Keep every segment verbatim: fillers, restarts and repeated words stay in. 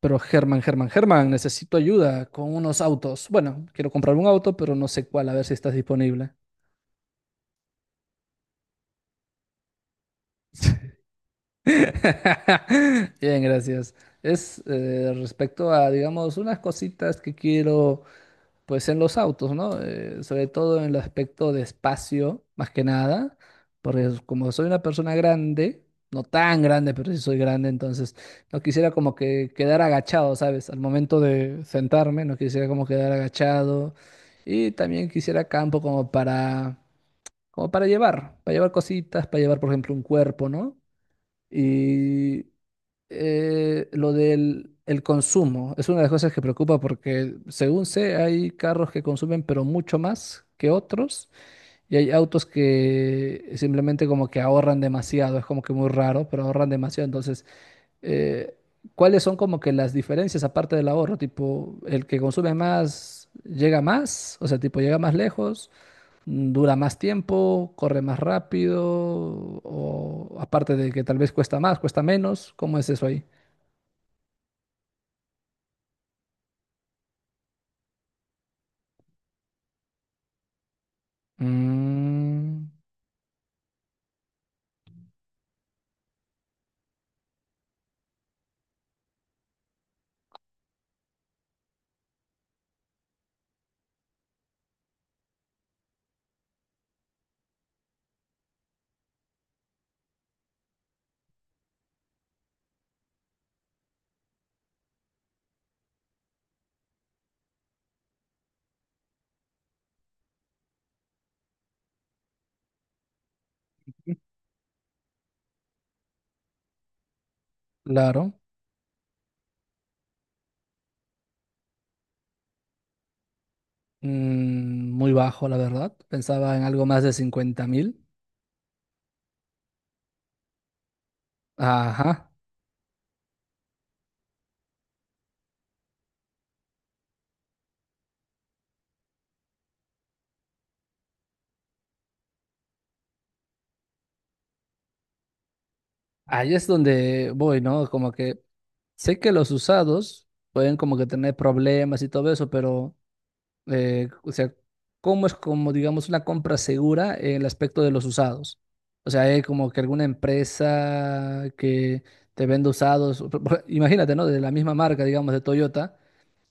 Pero Germán, Germán, Germán, necesito ayuda con unos autos. Bueno, quiero comprar un auto, pero no sé cuál, a ver si estás disponible. Bien, gracias. Es eh, respecto a, digamos, unas cositas que quiero. Pues en los autos, ¿no? Eh, sobre todo en el aspecto de espacio, más que nada, porque es- como soy una persona grande, no tan grande, pero sí soy grande, entonces no quisiera como que quedar agachado, ¿sabes? Al momento de sentarme, no quisiera como quedar agachado y también quisiera campo como para, como para llevar, para llevar cositas, para llevar, por ejemplo, un cuerpo, ¿no? Y eh, lo del el consumo es una de las cosas que preocupa porque, según sé, hay carros que consumen pero mucho más que otros y hay autos que simplemente como que ahorran demasiado, es como que muy raro, pero ahorran demasiado. Entonces, eh, ¿cuáles son como que las diferencias aparte del ahorro? Tipo, el que consume más llega más, o sea, tipo llega más lejos, mm, dura más tiempo, corre más rápido, o aparte de que tal vez cuesta más, cuesta menos, ¿cómo es eso ahí? Mm, claro. Mm, muy bajo, la verdad. Pensaba en algo más de cincuenta mil. Ajá. Ahí es donde voy, ¿no? Como que sé que los usados pueden como que tener problemas y todo eso, pero, eh, o sea, ¿cómo es como, digamos, una compra segura en el aspecto de los usados? O sea, hay como que alguna empresa que te vende usados, por- por- imagínate, ¿no? De la misma marca, digamos, de Toyota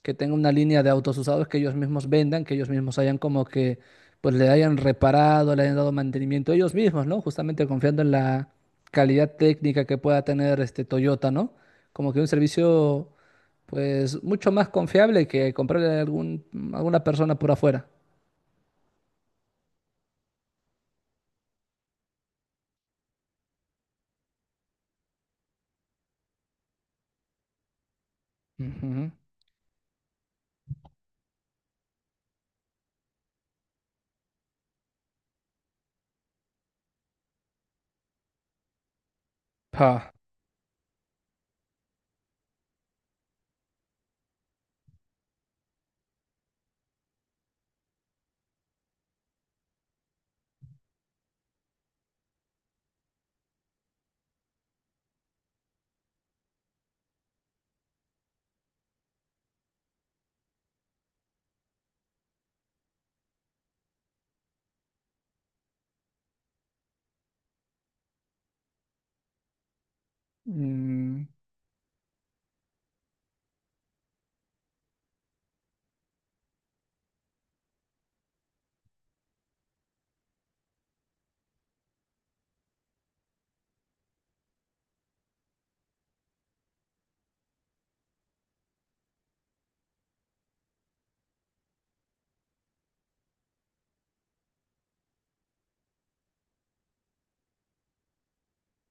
que tenga una línea de autos usados que ellos mismos vendan, que ellos mismos hayan como que, pues le hayan reparado, le hayan dado mantenimiento ellos mismos, ¿no? Justamente confiando en la calidad técnica que pueda tener este Toyota, ¿no? Como que un servicio, pues, mucho más confiable que comprarle a algún, alguna persona por afuera. Ujú. Ah. Mm,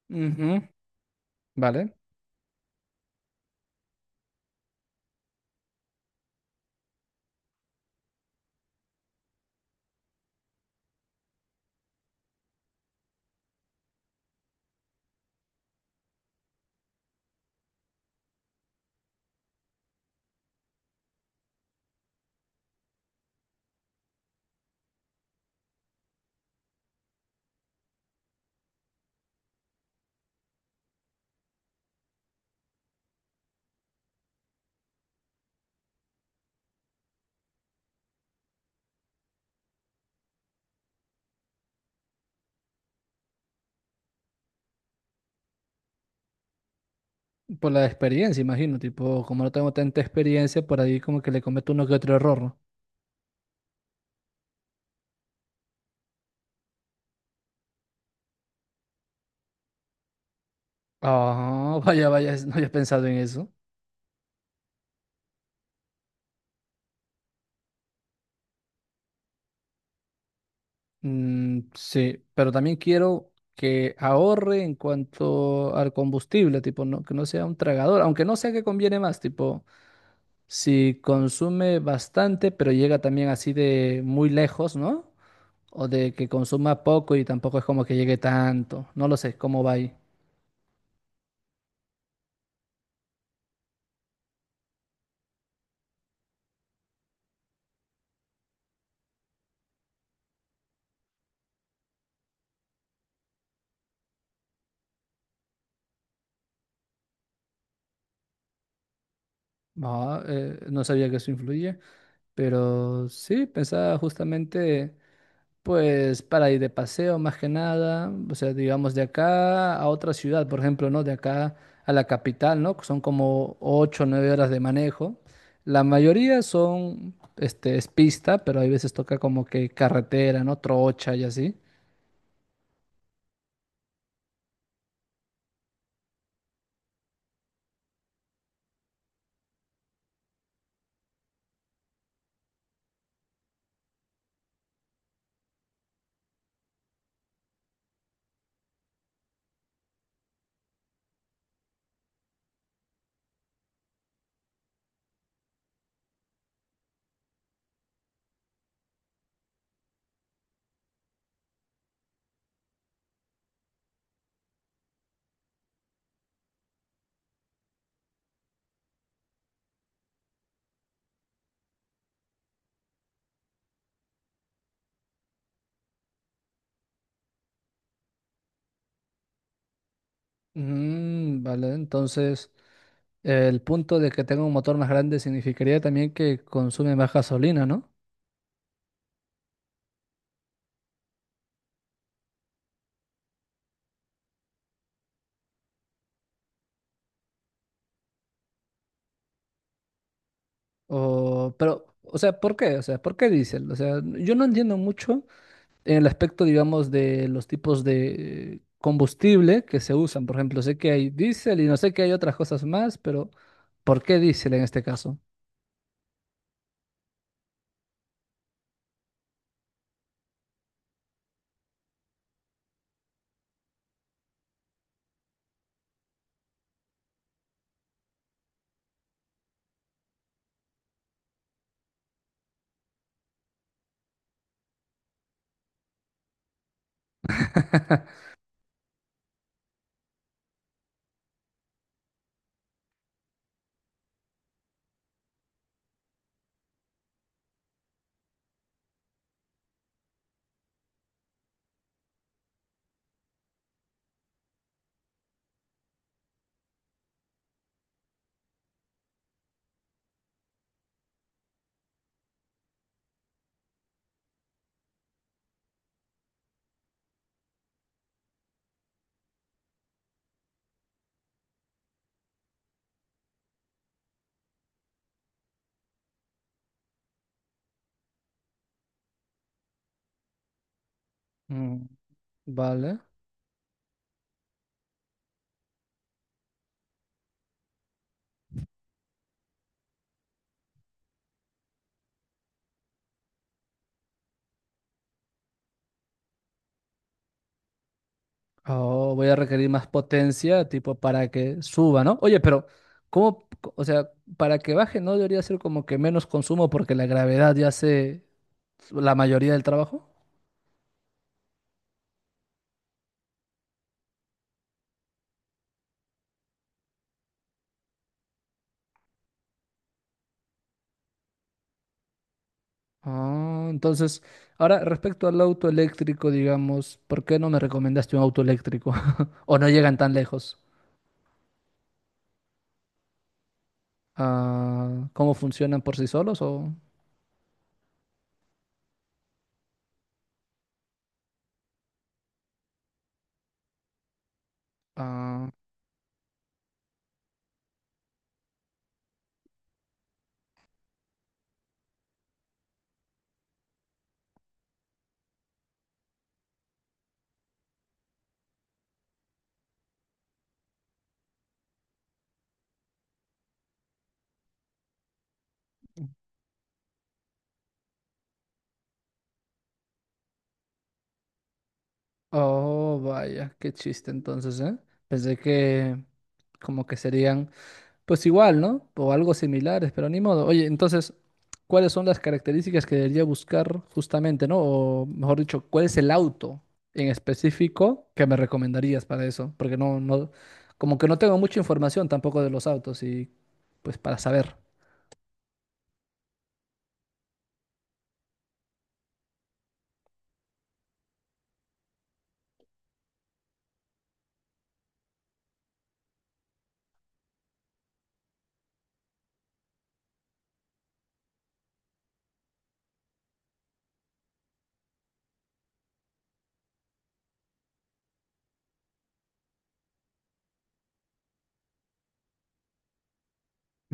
ujú. Vale. Por la experiencia, imagino, tipo, como no tengo tanta experiencia, por ahí como que le cometo uno que otro error, ¿no? Ah, vaya, vaya, es- no había pensado en eso. Mm, sí, pero también quiero que ahorre en cuanto al combustible, tipo, no, que no sea un tragador, aunque no sea que conviene más, tipo, si consume bastante, pero llega también así de muy lejos, ¿no? O de que consuma poco y tampoco es como que llegue tanto, no lo sé, ¿cómo va ahí? Ah, eh, no sabía que eso influye, pero sí, pensaba justamente... Pues para ir de paseo más que nada, o sea, digamos de acá a otra ciudad, por ejemplo, ¿no? De acá a la capital, ¿no? Que son como ocho, o nueve horas de manejo. La mayoría son, este, es pista, pero hay veces toca como que carretera, ¿no? Trocha y así. Mm, vale, entonces eh, el punto de que tenga un motor más grande significaría también que consume más gasolina, ¿no? O, pero, o sea, ¿por qué? O sea, ¿por qué diésel? O sea, yo no entiendo mucho en el aspecto, digamos, de los tipos de combustible que se usan. Por ejemplo, sé que hay diésel y no sé que hay otras cosas más, pero ¿por qué diésel en este caso? Mm. Vale. Oh, voy a requerir más potencia, tipo, para que suba, ¿no? Oye, pero, ¿cómo? co- O sea, para que baje, ¿no debería ser como que menos consumo porque la gravedad ya hace la mayoría del trabajo? Ah, entonces, ahora respecto al auto eléctrico, digamos, ¿por qué no me recomendaste un auto eléctrico? ¿O no llegan tan lejos? Ah, ¿cómo funcionan por sí solos? O, ah, oh, vaya, qué chiste entonces, ¿eh? Pensé que como que serían pues igual, ¿no? O algo similares, pero ni modo. Oye, entonces, ¿cuáles son las características que debería buscar justamente, ¿no? O mejor dicho, ¿cuál es el auto en específico que me recomendarías para eso? Porque no, no, como que no tengo mucha información tampoco de los autos y pues para saber.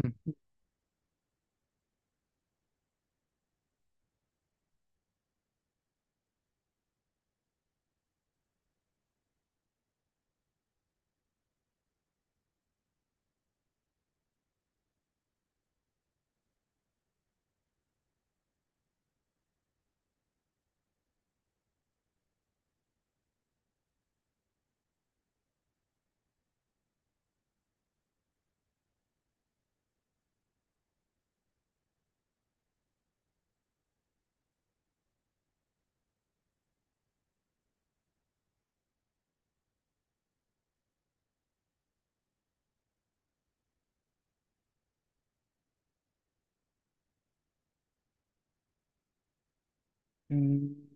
Mm. Mm.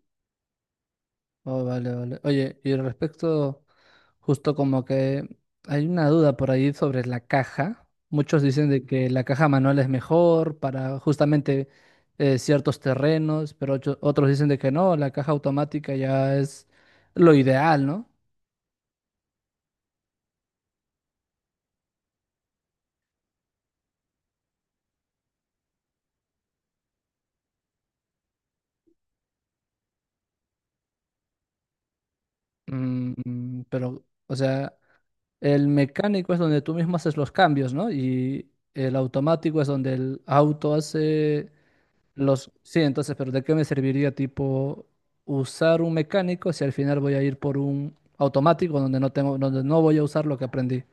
Oh, vale, vale. Oye, y al respecto, justo como que hay una duda por ahí sobre la caja. Muchos dicen de que la caja manual es mejor para justamente eh, ciertos terrenos, pero ocho- otros dicen de que no, la caja automática ya es lo ideal, ¿no? Mm, mm, pero, o sea, el mecánico es donde tú mismo haces los cambios, ¿no? Y el automático es donde el auto hace. Los, sí, entonces, pero ¿de qué me serviría tipo usar un mecánico si al final voy a ir por un automático donde no tengo, donde no voy a usar lo que aprendí?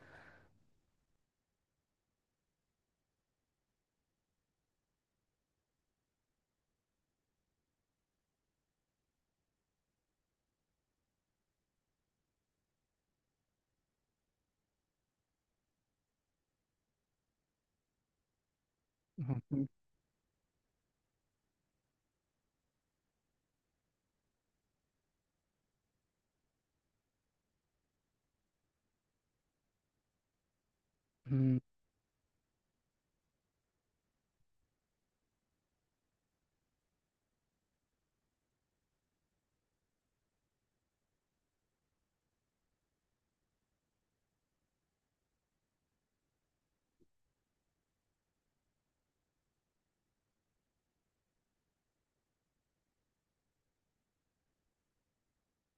Ujú. Mm.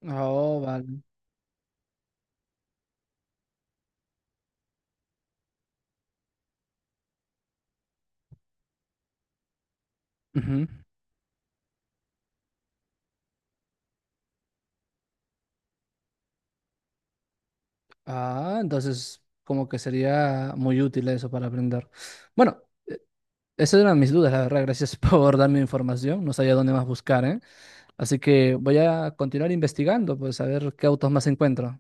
Oh, vale. Ujú. Ah, entonces como que sería muy útil eso para aprender. Bueno, esas eran mis dudas, la verdad. Gracias por darme información. No sabía dónde más buscar, ¿eh? Así que voy a continuar investigando, pues a ver qué autos más encuentro.